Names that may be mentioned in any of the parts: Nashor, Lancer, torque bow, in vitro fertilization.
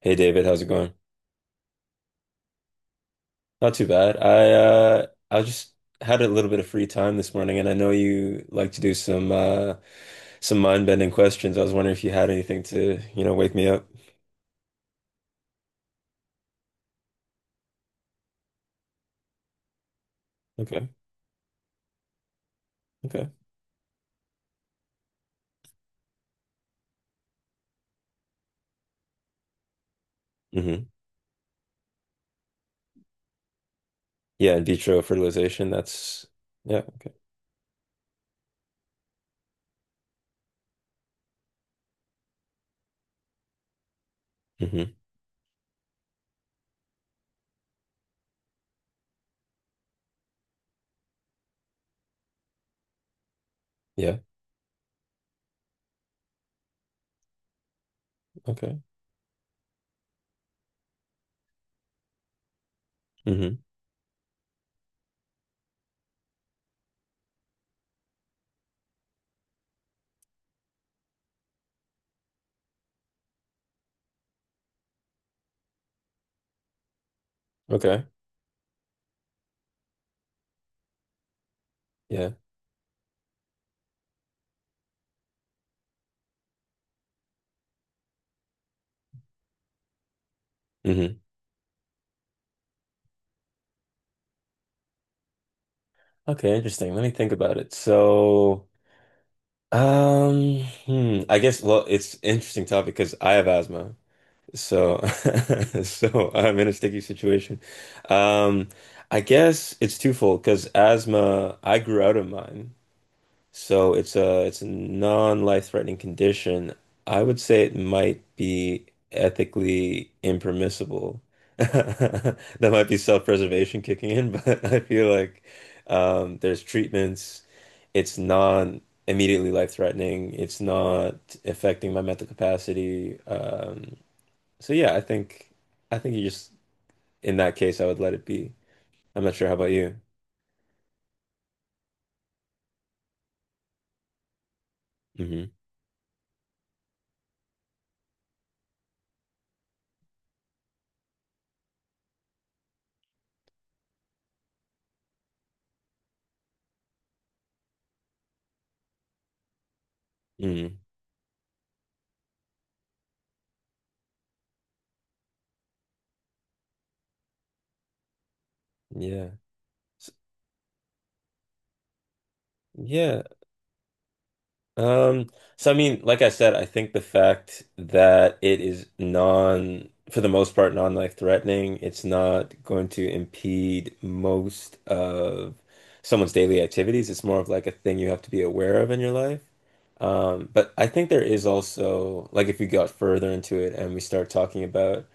Hey David, how's it going? Not too bad. I just had a little bit of free time this morning and I know you like to do some mind-bending questions. I was wondering if you had anything to, wake me up. Okay. Okay. Mm-hmm. Yeah, in vitro fertilization, that's yeah, okay. Mm-hmm. Yeah. Okay. Mm-hmm. Okay. Yeah. Mm-hmm. Okay, interesting. Let me think about it. Um, I guess well, it's an interesting topic because I have asthma. So, so I'm in a sticky situation. Um, I guess it's twofold because asthma, I grew out of mine, so it's a non-life-threatening condition. I would say it might be ethically impermissible. That might be self-preservation kicking in, but I feel like there's treatments. It's not immediately life-threatening. It's not affecting my mental capacity. So yeah, I think you just in that case I would let it be. I'm not sure. How about you? hmm hmm Yeah. S- Yeah. Um, so I mean, like I said, I think the fact that it is non, for the most part, non-life threatening, it's not going to impede most of someone's daily activities. It's more of like a thing you have to be aware of in your life. But I think there is also like if we got further into it and we start talking about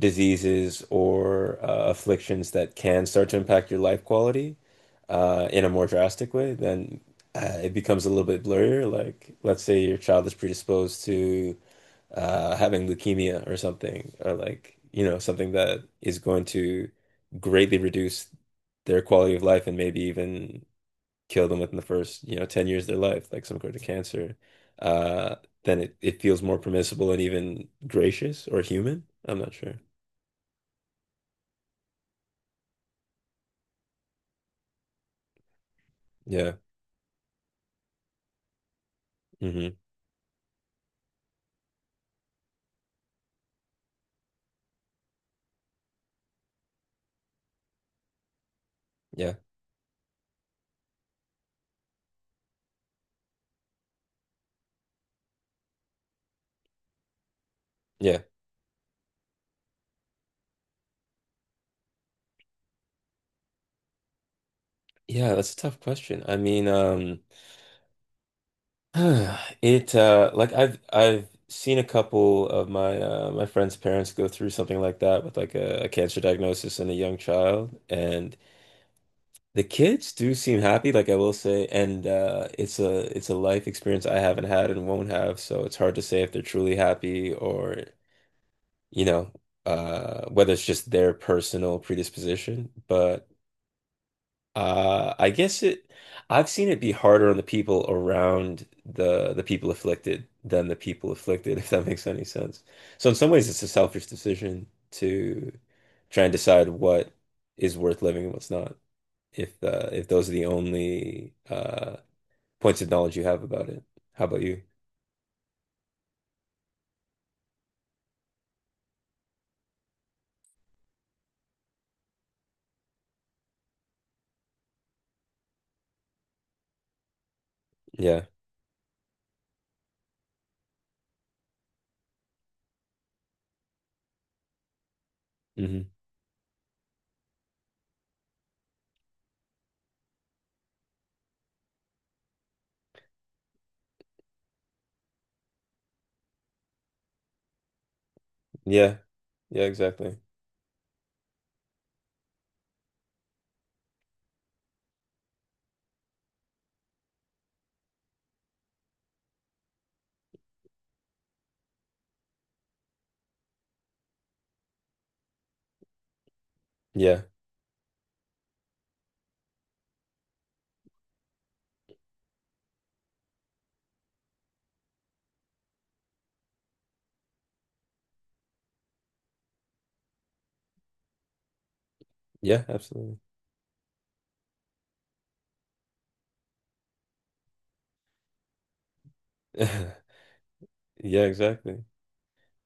diseases or afflictions that can start to impact your life quality in a more drastic way, then it becomes a little bit blurrier. Like, let's say your child is predisposed to having leukemia or something, or like, you know, something that is going to greatly reduce their quality of life and maybe even kill them within the first, you know, 10 years of their life, like some sort of cancer. Uh, then it feels more permissible and even gracious or human. I'm not sure. Yeah. hmm Yeah. Yeah. Yeah, that's a tough question. I mean, it like I've seen a couple of my friends' parents go through something like that with like a cancer diagnosis and a young child and the kids do seem happy, like I will say, and it's a life experience I haven't had and won't have, so it's hard to say if they're truly happy or you know, whether it's just their personal predisposition, but Uh, I guess it, I've seen it be harder on the people around the people afflicted than the people afflicted, if that makes any sense. So in some ways, it's a selfish decision to try and decide what is worth living and what's not. If those are the only points of knowledge you have about it, how about you? Yeah. hmm Yeah. Yeah. Exactly. Yeah. Yeah. Absolutely. Yeah. Exactly.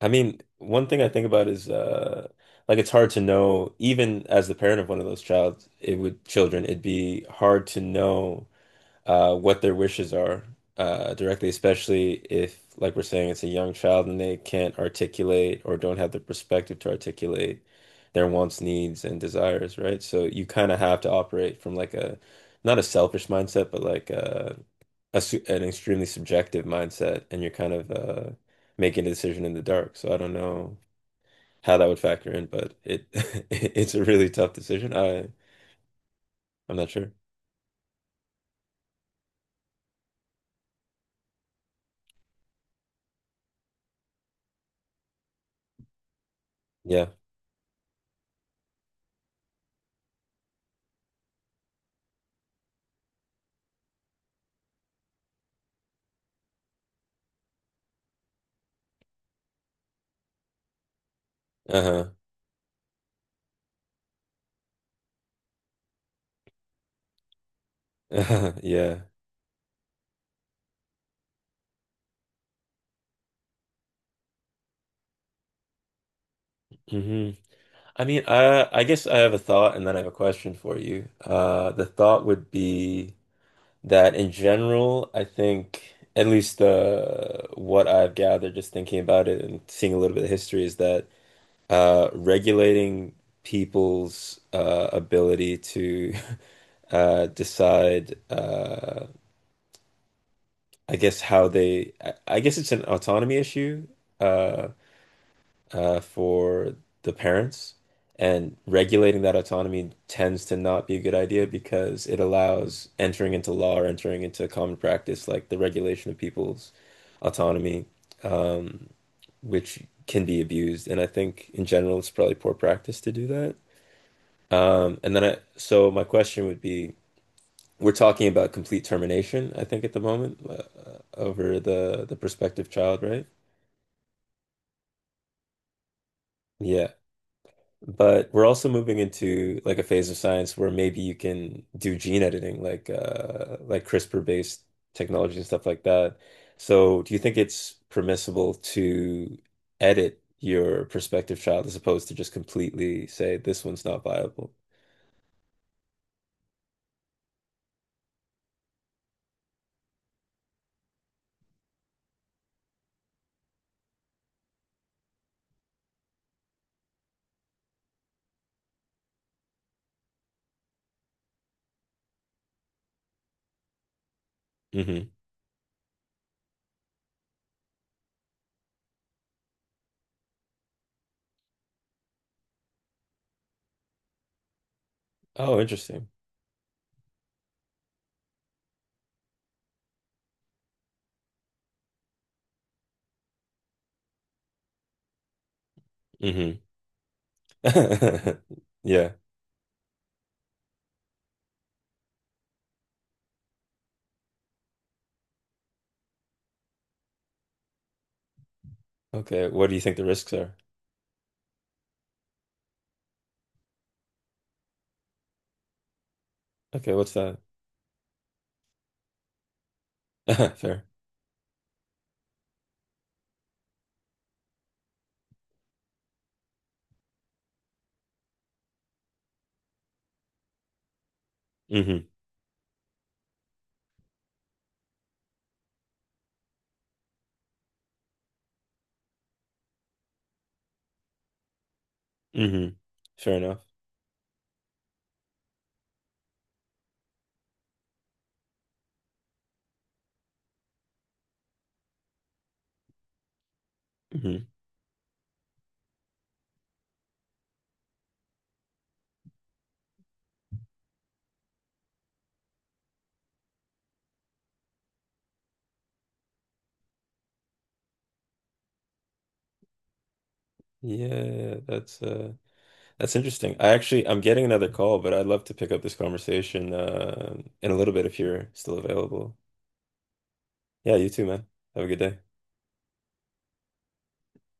I mean, one thing I think about is like it's hard to know, even as the parent of one of those children, it'd be hard to know what their wishes are directly, especially if like we're saying it's a young child and they can't articulate or don't have the perspective to articulate their wants, needs, and desires, right? So you kind of have to operate from like a not a selfish mindset, but like a su an extremely subjective mindset, and you're kind of making a decision in the dark. So I don't know how that would factor in, but it it's a really tough decision. I'm not sure. Yeah. Uh-huh. Yeah. hmm I mean, I guess I have a thought and then I have a question for you. The thought would be that in general, I think at least the what I've gathered just thinking about it and seeing a little bit of history is that regulating people's ability to decide, I guess, how I guess it's an autonomy issue uh, for the parents. And regulating that autonomy tends to not be a good idea because it allows entering into law or entering into common practice, like the regulation of people's autonomy, um, which can be abused. And I think in general, it's probably poor practice to do that. So my question would be, we're talking about complete termination, I think, at the moment, over the prospective child, right? Yeah. But we're also moving into like a phase of science where maybe you can do gene editing, like CRISPR-based technology and stuff like that. So, do you think it's permissible to edit your prospective child as opposed to just completely say this one's not viable? Hmm Oh, interesting. Hmm Yeah. Okay, what do you think the risks are? Okay, what's that? Fair. Mm-hmm. Mm-hmm. Fair enough. Hmm Yeah, that's interesting. I'm getting another call, but I'd love to pick up this conversation in a little bit if you're still available. Yeah, you too, man. Have a good day.